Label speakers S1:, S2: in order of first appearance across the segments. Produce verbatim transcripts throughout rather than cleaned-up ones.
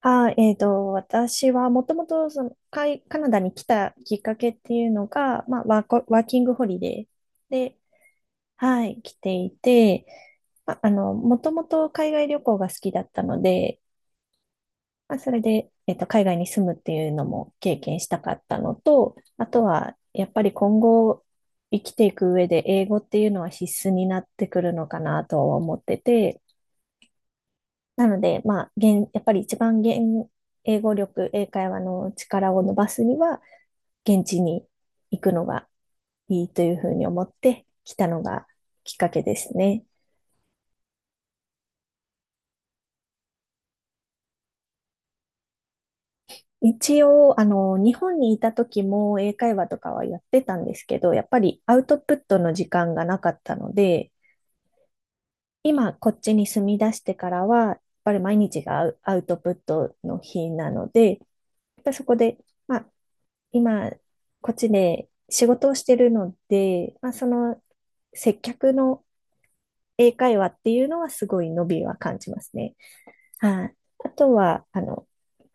S1: あ、えっと、私はもともとそのカイ、カナダに来たきっかけっていうのが、まあ、ワーコ、ワーキングホリデーで、はい、来ていて、まあ、あの、もともと海外旅行が好きだったので、まあ、それで、えっと、海外に住むっていうのも経験したかったのと、あとは、やっぱり今後生きていく上で英語っていうのは必須になってくるのかなとは思ってて、なので、まあ、現、やっぱり一番現、英語力、英会話の力を伸ばすには、現地に行くのがいいというふうに思って来たのがきっかけですね。一応、あの、日本にいた時も英会話とかはやってたんですけど、やっぱりアウトプットの時間がなかったので、今こっちに住み出してからは、やっぱり毎日がアウトプットの日なので、やっぱりそこで、まあ、今、こっちで仕事をしてるので、まあ、その接客の英会話っていうのはすごい伸びは感じますね。はい。あとは、あの、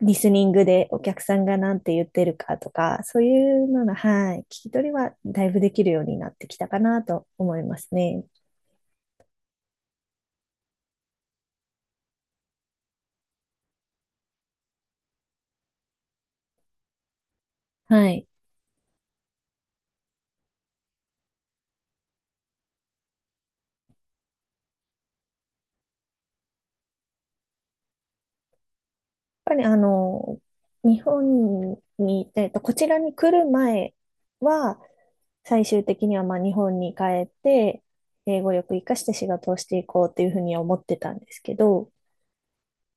S1: リスニングでお客さんが何て言ってるかとか、そういうのの、はい、聞き取りはだいぶできるようになってきたかなと思いますね。はい。ぱりあの、日本に、えっと、こちらに来る前は、最終的にはまあ日本に帰って、英語力活かして仕事をしていこうというふうに思ってたんですけど、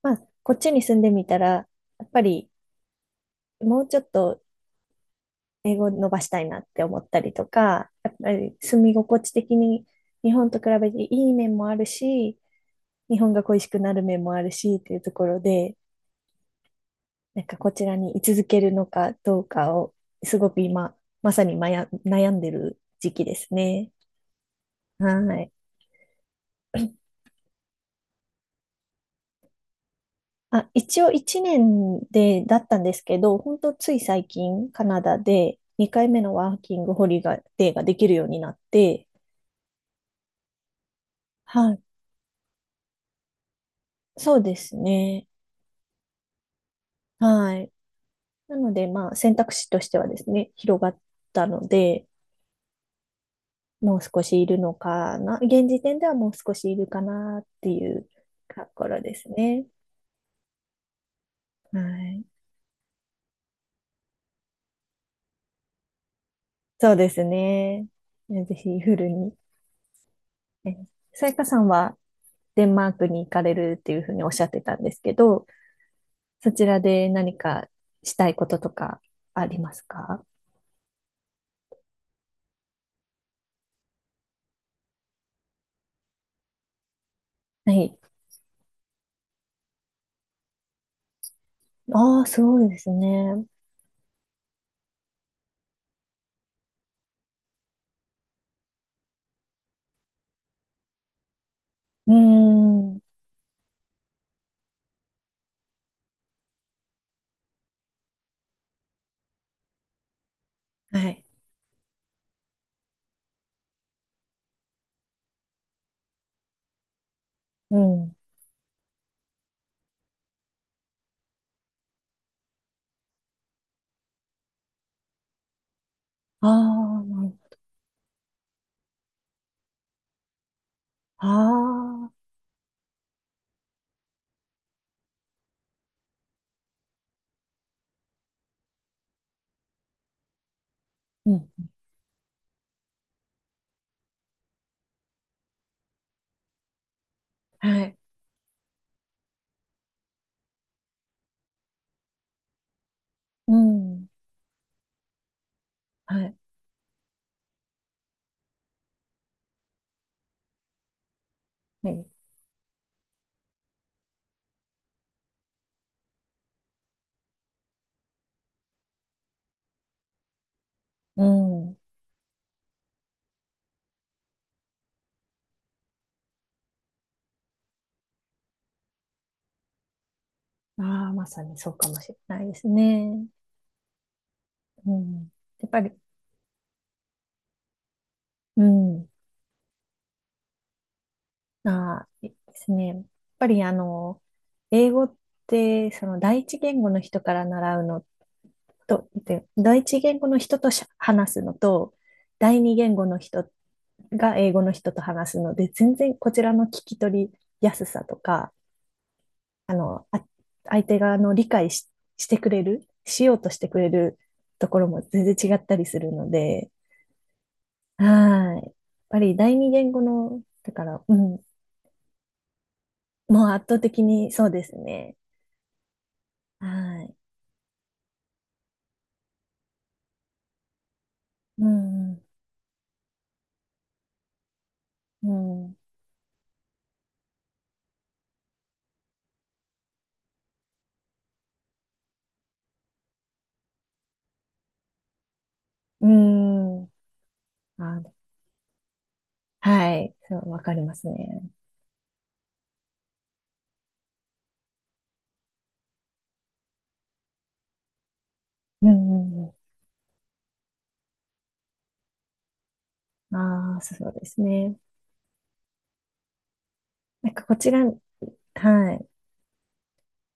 S1: まあ、こっちに住んでみたら、やっぱりもうちょっと英語を伸ばしたいなって思ったりとか、やっぱり住み心地的に日本と比べていい面もあるし、日本が恋しくなる面もあるしっていうところで、なんかこちらに居続けるのかどうかを、すごく今、まさにまや悩んでる時期ですね。はい。あ、一応いちねんで、だったんですけど、本当つい最近、カナダでにかいめのワーキングホリデーができるようになって、はい。そうですね。はい。なので、まあ、選択肢としてはですね、広がったので、もう少しいるのかな。現時点ではもう少しいるかなっていうところですね。はい。そうですね。えぜひフルに。えさやかさんはデンマークに行かれるっていうふうにおっしゃってたんですけど、そちらで何かしたいこととかありますか？はい。ああ、すごいですね。うーん。はい。うん。ああ、なるああ、うん。はい。うん。はい。はい。うん。ああ、まさにそうかもしれないですね。うん。やっぱり、うん。あー、ですね。やっぱりあの、英語って、その第一言語の人から習うのと、で、第一言語の人としゃ話すのと、第二言語の人が英語の人と話すので、全然こちらの聞き取りやすさとか、あの、あ、相手側の理解し、してくれる、しようとしてくれるところも全然違ったりするので、はい。やっぱり第二言語の、だから、うん、もう圧倒的にそうですね。はい。うん、うん、うん。うん。あ、はい。そう、わかりますね。うん、うん、うん。ああ、そうですね。なんかこちら、はい。こっ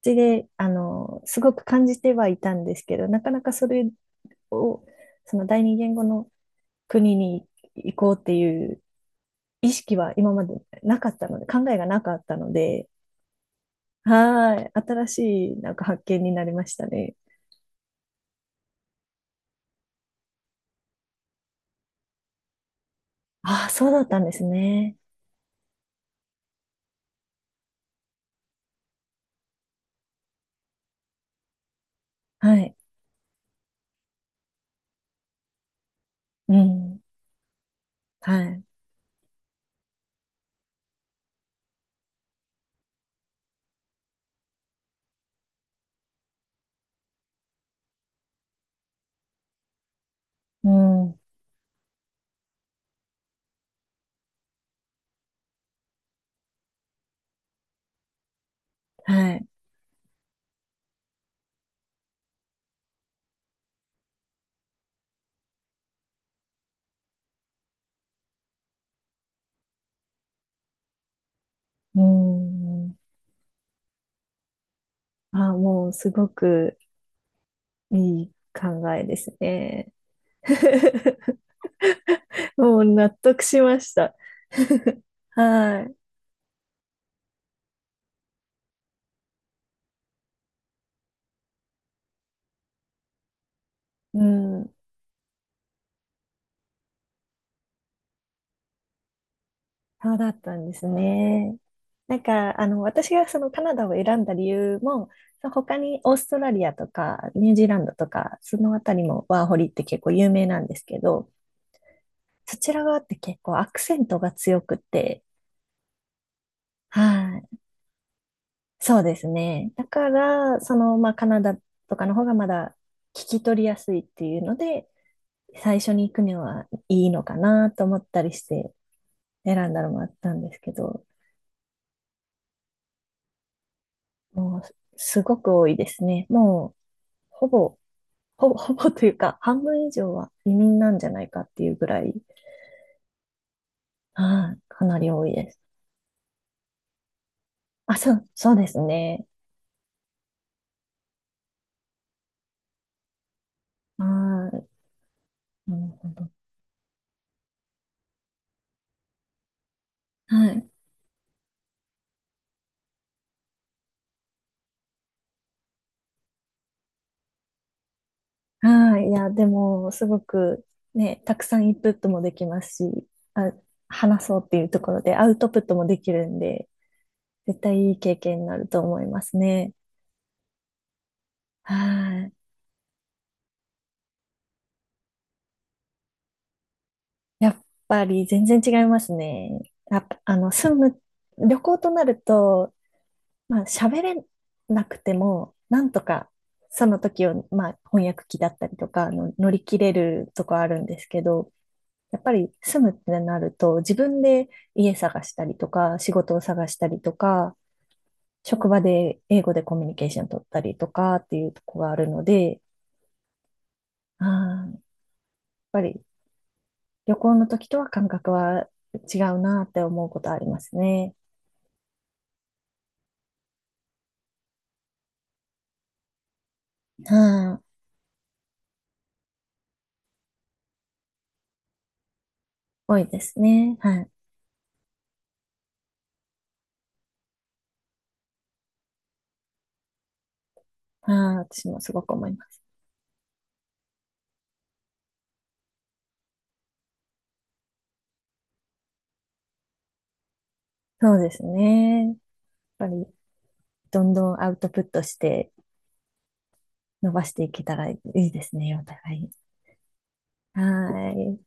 S1: ちで、あの、すごく感じてはいたんですけど、なかなかそれを、その第二言語の国に行こうっていう意識は今までなかったので、考えがなかったので、はい。新しい、なんか発見になりましたね。ああ、そうだったんですね。はい。うん。はい。うん、はい。うん。あ、もうすごくいい考えですね。もう納得しました。はい。うん。そうだったんですね。なんか、あの、私がそのカナダを選んだ理由も、その他にオーストラリアとかニュージーランドとか、そのあたりもワーホリって結構有名なんですけど、そちら側って結構アクセントが強くて、はい。そうですね。だから、その、まあ、カナダとかの方がまだ聞き取りやすいっていうので、最初に行くにはいいのかなと思ったりして選んだのもあったんですけど、もうすごく多いですね。もうほぼ、ほぼ、ほぼというか、半分以上は移民なんじゃないかっていうぐらい、はい、かなり多いです。あ、そう、そうですね。はい、なるほど。はい。はい。いや、でも、すごくね、たくさんインプットもできますし、あ、話そうっていうところでアウトプットもできるんで、絶対いい経験になると思いますね。はい。やっぱり全然違いますね。やっぱ、あの、住む、旅行となると、まあ、喋れなくても、なんとか、その時を、まあ、翻訳機だったりとか、あの、乗り切れるとこあるんですけど、やっぱり住むってなると、自分で家探したりとか、仕事を探したりとか、職場で英語でコミュニケーション取ったりとかっていうとこがあるので、あーやっぱり旅行の時とは感覚は違うなって思うことありますね。はい。多いですね。はい。はい。私もすごく思います。そうですね。やっぱりどんどんアウトプットして伸ばしていけたらいいですね、お互い。はい。